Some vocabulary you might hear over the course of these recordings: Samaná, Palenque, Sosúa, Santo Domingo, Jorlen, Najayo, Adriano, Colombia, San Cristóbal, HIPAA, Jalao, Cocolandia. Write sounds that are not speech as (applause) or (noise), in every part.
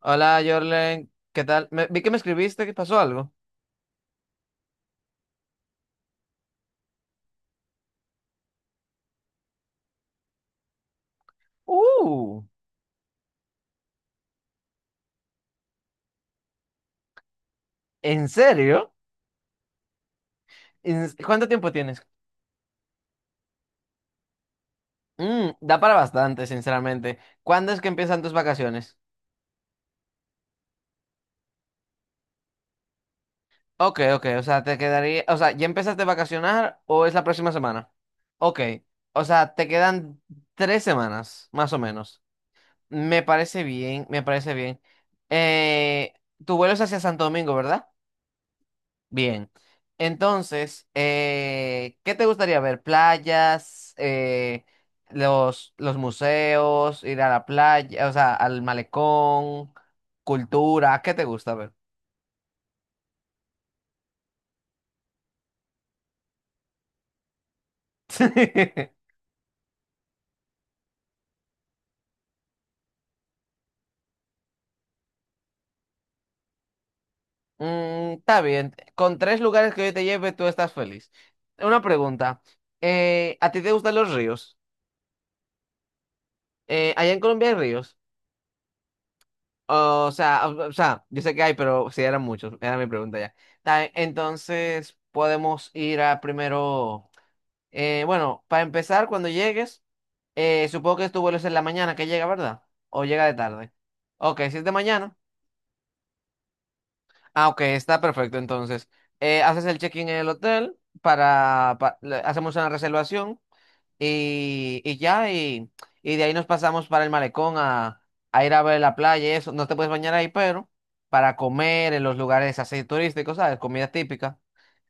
Hola, Jorlen, ¿qué tal? Vi que me escribiste, ¿qué pasó algo? Uh, ¿En serio? ¿Cuánto tiempo tienes? Da para bastante, sinceramente. ¿Cuándo es que empiezan tus vacaciones? Ok, ok, o sea, te quedaría, o sea, ¿ya empezaste a vacacionar o es la próxima semana? Ok, o sea, te quedan 3 semanas, más o menos. Me parece bien, me parece bien. Eh, Tu vuelo es hacia Santo Domingo, ¿verdad? Bien. Entonces, ¿qué te gustaría ver? ¿Playas? Los museos, ir a la playa, o sea, al malecón, cultura, ¿qué te gusta ver? (laughs) Está bien. Con tres lugares que yo te lleve, tú estás feliz. Una pregunta. ¿A ti te gustan los ríos? ¿Allá en Colombia hay ríos? O sea, o sea, yo sé que hay, pero sí eran muchos. Era mi pregunta ya. Entonces, podemos ir a primero. Bueno, para empezar, cuando llegues, supongo que tu vuelo es en la mañana que llega, ¿verdad? O llega de tarde. Ok, si es de mañana. Ah, ok, está perfecto. Entonces, haces el check-in en el hotel para, hacemos una reservación. Y ya, y de ahí nos pasamos para el malecón a ir a ver la playa y eso. No te puedes bañar ahí, pero para comer en los lugares así turísticos, ¿sabes? Comida típica.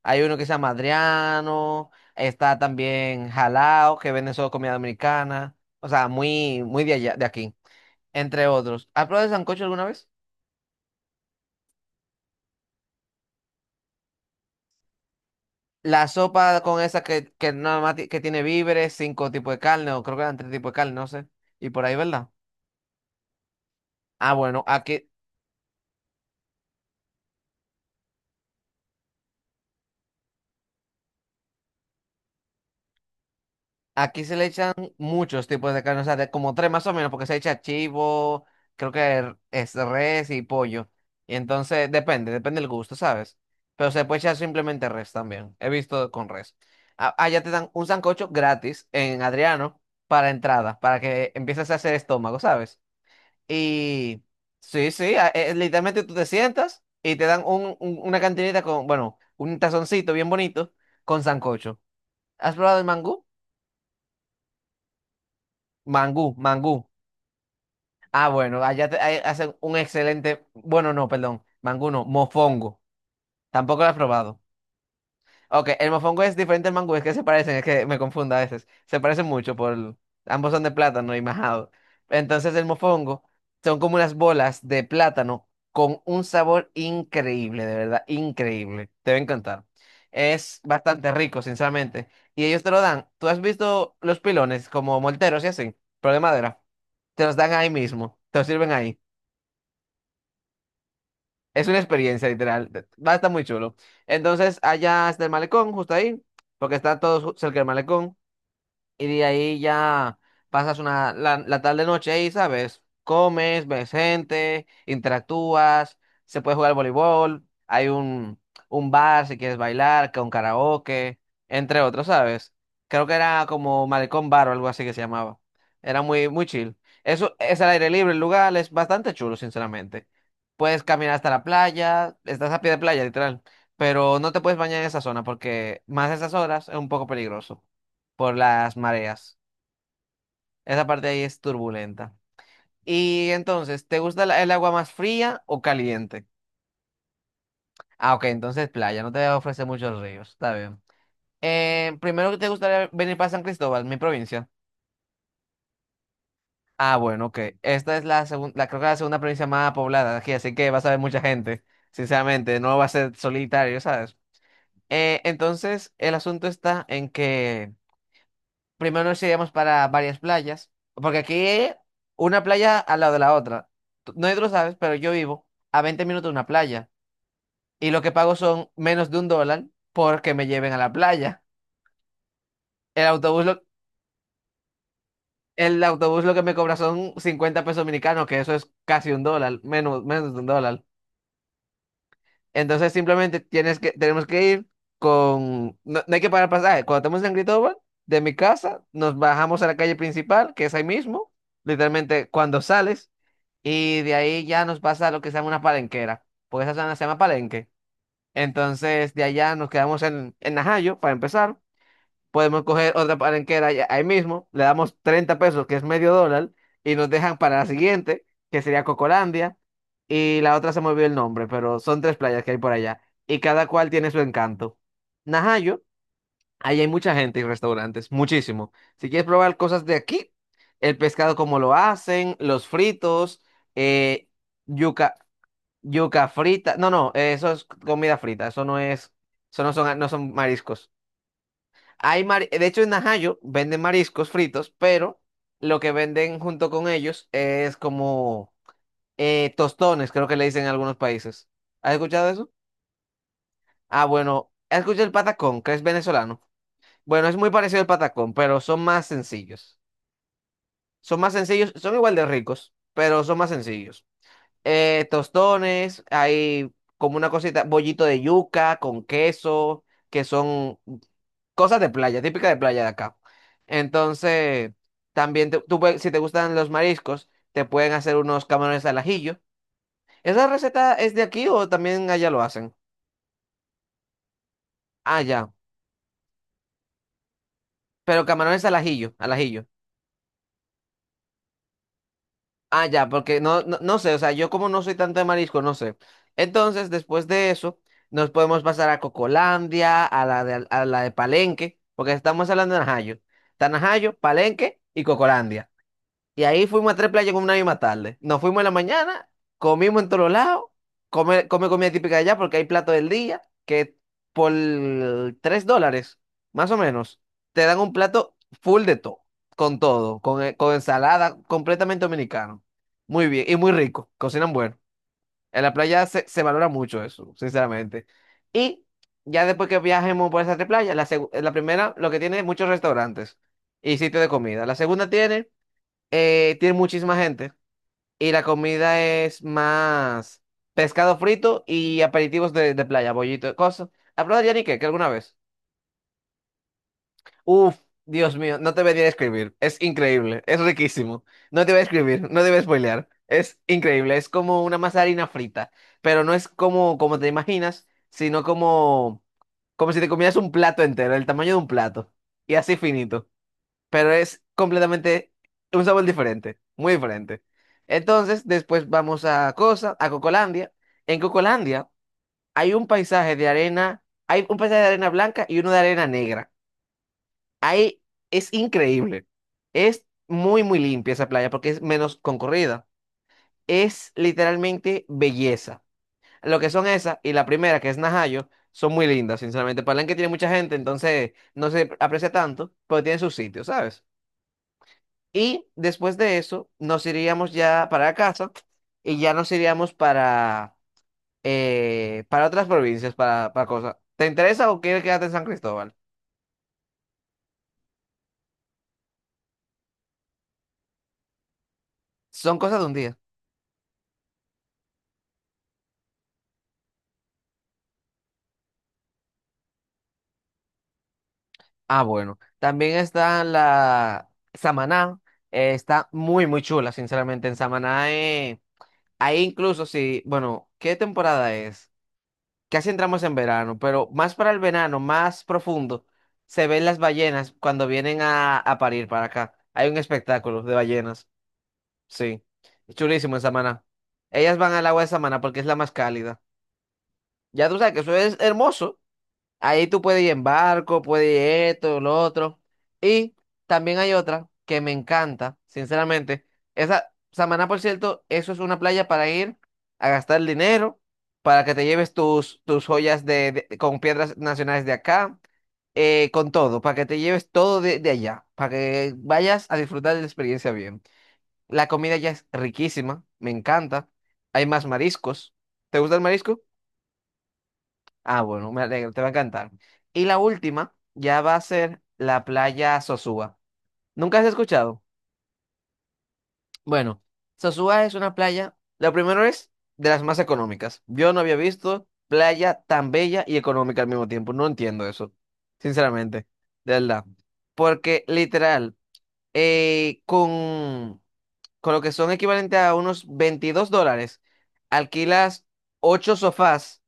Hay uno que se llama Adriano, está también Jalao, que vende solo comida dominicana. O sea, muy, muy de allá, de aquí, entre otros. ¿Has probado el sancocho alguna vez? La sopa con esa que nada más que tiene víveres, cinco tipos de carne, o creo que eran tres tipos de carne, no sé. Y por ahí, ¿verdad? Ah, bueno, aquí. Aquí se le echan muchos tipos de carne, o sea, de como tres más o menos, porque se echa chivo, creo que es res y pollo. Y entonces depende, depende del gusto, ¿sabes? Pero se puede echar simplemente res también. He visto con res. Allá te dan un sancocho gratis en Adriano para entrada, para que empieces a hacer estómago, ¿sabes? Y sí, sí, literalmente tú te sientas y te dan una cantinita con, bueno, un tazoncito bien bonito con sancocho. ¿Has probado el mangú? Mangú, mangú. Ah, bueno, allá ahí hacen un excelente, bueno, no, perdón, mango no, mofongo. Tampoco lo he probado. Ok, el mofongo es diferente al mango, es que se parecen, es que me confundo a veces. Se parecen mucho por, ambos son de plátano y majado. Entonces el mofongo son como unas bolas de plátano con un sabor increíble, de verdad, increíble. Te va a encantar. Es bastante rico, sinceramente. Y ellos te lo dan. ¿Tú has visto los pilones como molteros y así? Pero de madera. Te los dan ahí mismo, te los sirven ahí. Es una experiencia, literal. Va a estar muy chulo. Entonces, allá está el malecón, justo ahí, porque están todos cerca del malecón. Y de ahí ya pasas la tarde noche ahí, ¿sabes? Comes, ves gente, interactúas, se puede jugar voleibol, hay un bar si quieres bailar, con karaoke, entre otros, ¿sabes? Creo que era como Malecón Bar o algo así que se llamaba. Era muy, muy chill. Eso es al aire libre, el lugar es bastante chulo, sinceramente. Puedes caminar hasta la playa, estás a pie de playa, literal, pero no te puedes bañar en esa zona porque más a esas horas es un poco peligroso por las mareas. Esa parte ahí es turbulenta. Y entonces, ¿te gusta el agua más fría o caliente? Ah, ok, entonces playa, no te ofrece muchos ríos, está bien. Primero que te gustaría venir para San Cristóbal, mi provincia. Ah, bueno, ok. Esta es la segunda, creo que la segunda provincia más poblada de aquí, así que vas a ver mucha gente, sinceramente, no va a ser solitario, ¿sabes? Entonces, el asunto está en que primero nos iríamos para varias playas, porque aquí una playa al lado de la otra. No tú lo sabes, pero yo vivo a 20 minutos de una playa y lo que pago son menos de un dólar porque me lleven a la playa. El autobús lo, el autobús lo que me cobra son 50 pesos dominicanos, que eso es casi un dólar, menos, menos de un dólar. Entonces simplemente tenemos que ir con... No, no hay que pagar pasaje. Cuando estamos en San Cristóbal, de mi casa, nos bajamos a la calle principal, que es ahí mismo, literalmente cuando sales. Y de ahí ya nos pasa a lo que se llama una palenquera, porque esa zona se llama palenque. Entonces, de allá nos quedamos en Najayo para empezar. Podemos coger otra palenquera ahí mismo, le damos 30 pesos, que es medio dólar, y nos dejan para la siguiente, que sería Cocolandia. Y la otra se me olvidó el nombre, pero son tres playas que hay por allá, y cada cual tiene su encanto. Najayo ahí hay mucha gente y restaurantes, muchísimo. Si quieres probar cosas de aquí, el pescado como lo hacen, los fritos, eh, yuca, yuca frita. No, no, eso es comida frita, eso no es, eso no son, no son mariscos. De hecho, en Najayo venden mariscos fritos, pero lo que venden junto con ellos es como tostones, creo que le dicen en algunos países. ¿Has escuchado eso? Ah, bueno, ¿has escuchado el patacón, que es venezolano? Bueno, es muy parecido al patacón, pero son más sencillos. Son más sencillos, son igual de ricos, pero son más sencillos. Tostones, hay como una cosita, bollito de yuca con queso, que son cosas de playa, típica de playa de acá. Entonces, también tú, si te gustan los mariscos, te pueden hacer unos camarones al ajillo. ¿Esa receta es de aquí o también allá lo hacen? Ah, ya. Pero camarones al ajillo, al ajillo. Ah, ya, porque no, no, no sé, o sea, yo como no soy tanto de marisco, no sé. Entonces, después de eso, nos podemos pasar a Cocolandia, a la de Palenque, porque estamos hablando de Najayo. Está Najayo, Palenque y Cocolandia. Y ahí fuimos a tres playas con una misma tarde. Nos fuimos en la mañana, comimos en todos lados, come, come comida típica de allá porque hay plato del día que por 3 dólares, más o menos, te dan un plato full de todo, con todo, con ensalada, completamente dominicano. Muy bien y muy rico, cocinan bueno. En la playa se valora mucho eso, sinceramente. Y ya después que viajemos por esas tres playas, la primera lo que tiene es muchos restaurantes y sitios de comida. La segunda tiene muchísima gente y la comida es más pescado frito y aperitivos de playa, bollito, cosas. ¿Has probado yanique que alguna vez? Uf, Dios mío, no te voy a describir. Es increíble, es riquísimo. No te voy a describir, no te voy a spoilear. Es increíble, es como una masa de harina frita, pero no es como te imaginas, sino como si te comieras un plato entero, el tamaño de un plato y así finito. Pero es completamente un sabor diferente, muy diferente. Entonces, después vamos a Cocolandia. En Cocolandia hay un paisaje de arena blanca y uno de arena negra. Ahí es increíble. Es muy, muy limpia esa playa porque es menos concurrida. Es literalmente belleza. Lo que son esas y la primera, que es Najayo, son muy lindas, sinceramente. Palenque tiene mucha gente, entonces no se aprecia tanto, pero tiene sus sitios, ¿sabes? Y después de eso, nos iríamos ya para casa y ya nos iríamos para otras provincias, para cosas. ¿Te interesa o quieres quedarte en San Cristóbal? Son cosas de un día. Ah, bueno. También está la Samaná. Está muy, muy chula, sinceramente. En Samaná, ahí incluso si, bueno, ¿qué temporada es? Casi entramos en verano, pero más para el verano, más profundo, se ven las ballenas cuando vienen a parir para acá. Hay un espectáculo de ballenas, sí. Es chulísimo en Samaná. Ellas van al agua de Samaná porque es la más cálida. Ya tú sabes que eso es hermoso. Ahí tú puedes ir en barco, puedes ir esto, lo otro. Y también hay otra que me encanta, sinceramente. Esa, Samaná, por cierto, eso es una playa para ir a gastar el dinero, para que te lleves tus joyas con piedras nacionales de acá, con todo, para que te lleves todo de allá, para que vayas a disfrutar de la experiencia bien. La comida ya es riquísima, me encanta. Hay más mariscos. ¿Te gusta el marisco? Ah, bueno, me alegro, te va a encantar. Y la última ya va a ser la playa Sosúa. ¿Nunca has escuchado? Bueno, Sosúa es una playa, lo primero es de las más económicas. Yo no había visto playa tan bella y económica al mismo tiempo. No entiendo eso, sinceramente, de verdad. Porque literal, eh, con, con lo que son equivalente a unos 22 dólares, alquilas 8 sofás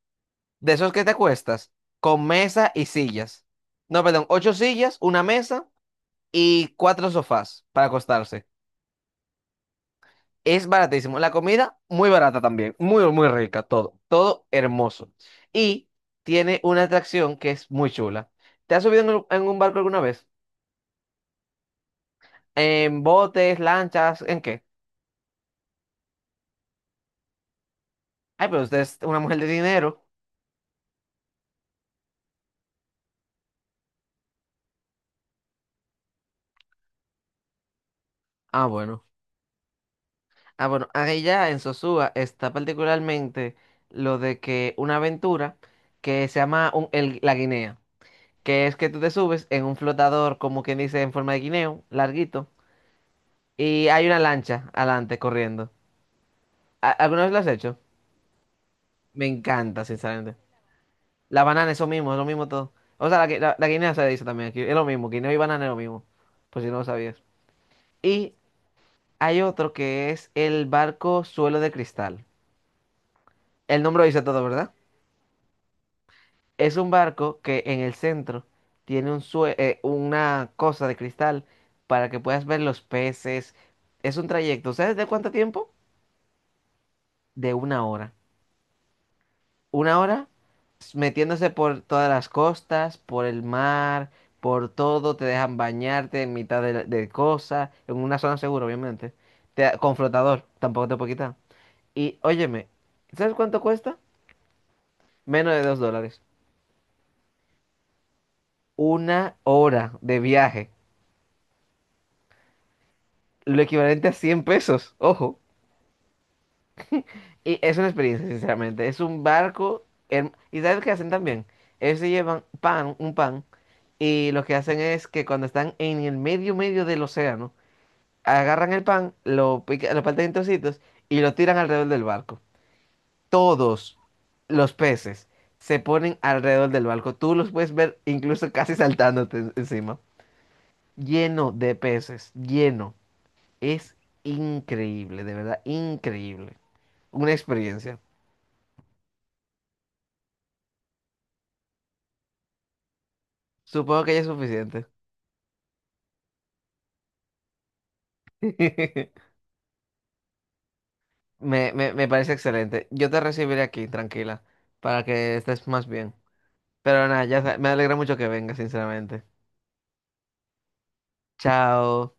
de esos que te acuestas, con mesa y sillas. No, perdón, ocho sillas, una mesa y cuatro sofás para acostarse. Es baratísimo. La comida, muy barata también. Muy, muy rica, todo. Todo hermoso. Y tiene una atracción que es muy chula. ¿Te has subido en un barco alguna vez? ¿En botes, lanchas, en qué? Ay, pero usted es una mujer de dinero. Ah, bueno. Ah, bueno, ahí ya en Sosúa está particularmente lo de que una aventura que se llama la guinea, que es que tú te subes en un flotador, como quien dice, en forma de guineo, larguito, y hay una lancha adelante corriendo. ¿Alguna vez lo has hecho? Me encanta, sinceramente. La banana es lo mismo todo. O sea, la guinea se dice también aquí, es lo mismo, guineo y banana es lo mismo, por si no lo sabías. Y hay otro que es el barco suelo de cristal. El nombre lo dice todo, ¿verdad? Es un barco que en el centro tiene una cosa de cristal para que puedas ver los peces. Es un trayecto. ¿Sabes de cuánto tiempo? De una hora. Una hora metiéndose por todas las costas, por el mar, por todo. Te dejan bañarte en mitad de cosas, en una zona segura, obviamente. Con flotador, tampoco te puedo quitar. Y óyeme, ¿sabes cuánto cuesta? Menos de 2 dólares. Una hora de viaje. Lo equivalente a 100 pesos, ojo. Y es una experiencia, sinceramente. Es un barco. ¿Y sabes qué hacen también? Ellos se llevan pan, un pan, y lo que hacen es que cuando están en el medio, medio del océano, agarran el pan, lo pican, lo parten en trocitos y lo tiran alrededor del barco. Todos los peces se ponen alrededor del barco. Tú los puedes ver incluso casi saltándote encima. Lleno de peces, lleno. Es increíble, de verdad, increíble. Una experiencia. Supongo que ya es suficiente. (laughs) Me parece excelente. Yo te recibiré aquí, tranquila, para que estés más bien. Pero nada, ya me alegra mucho que vengas, sinceramente. Chao.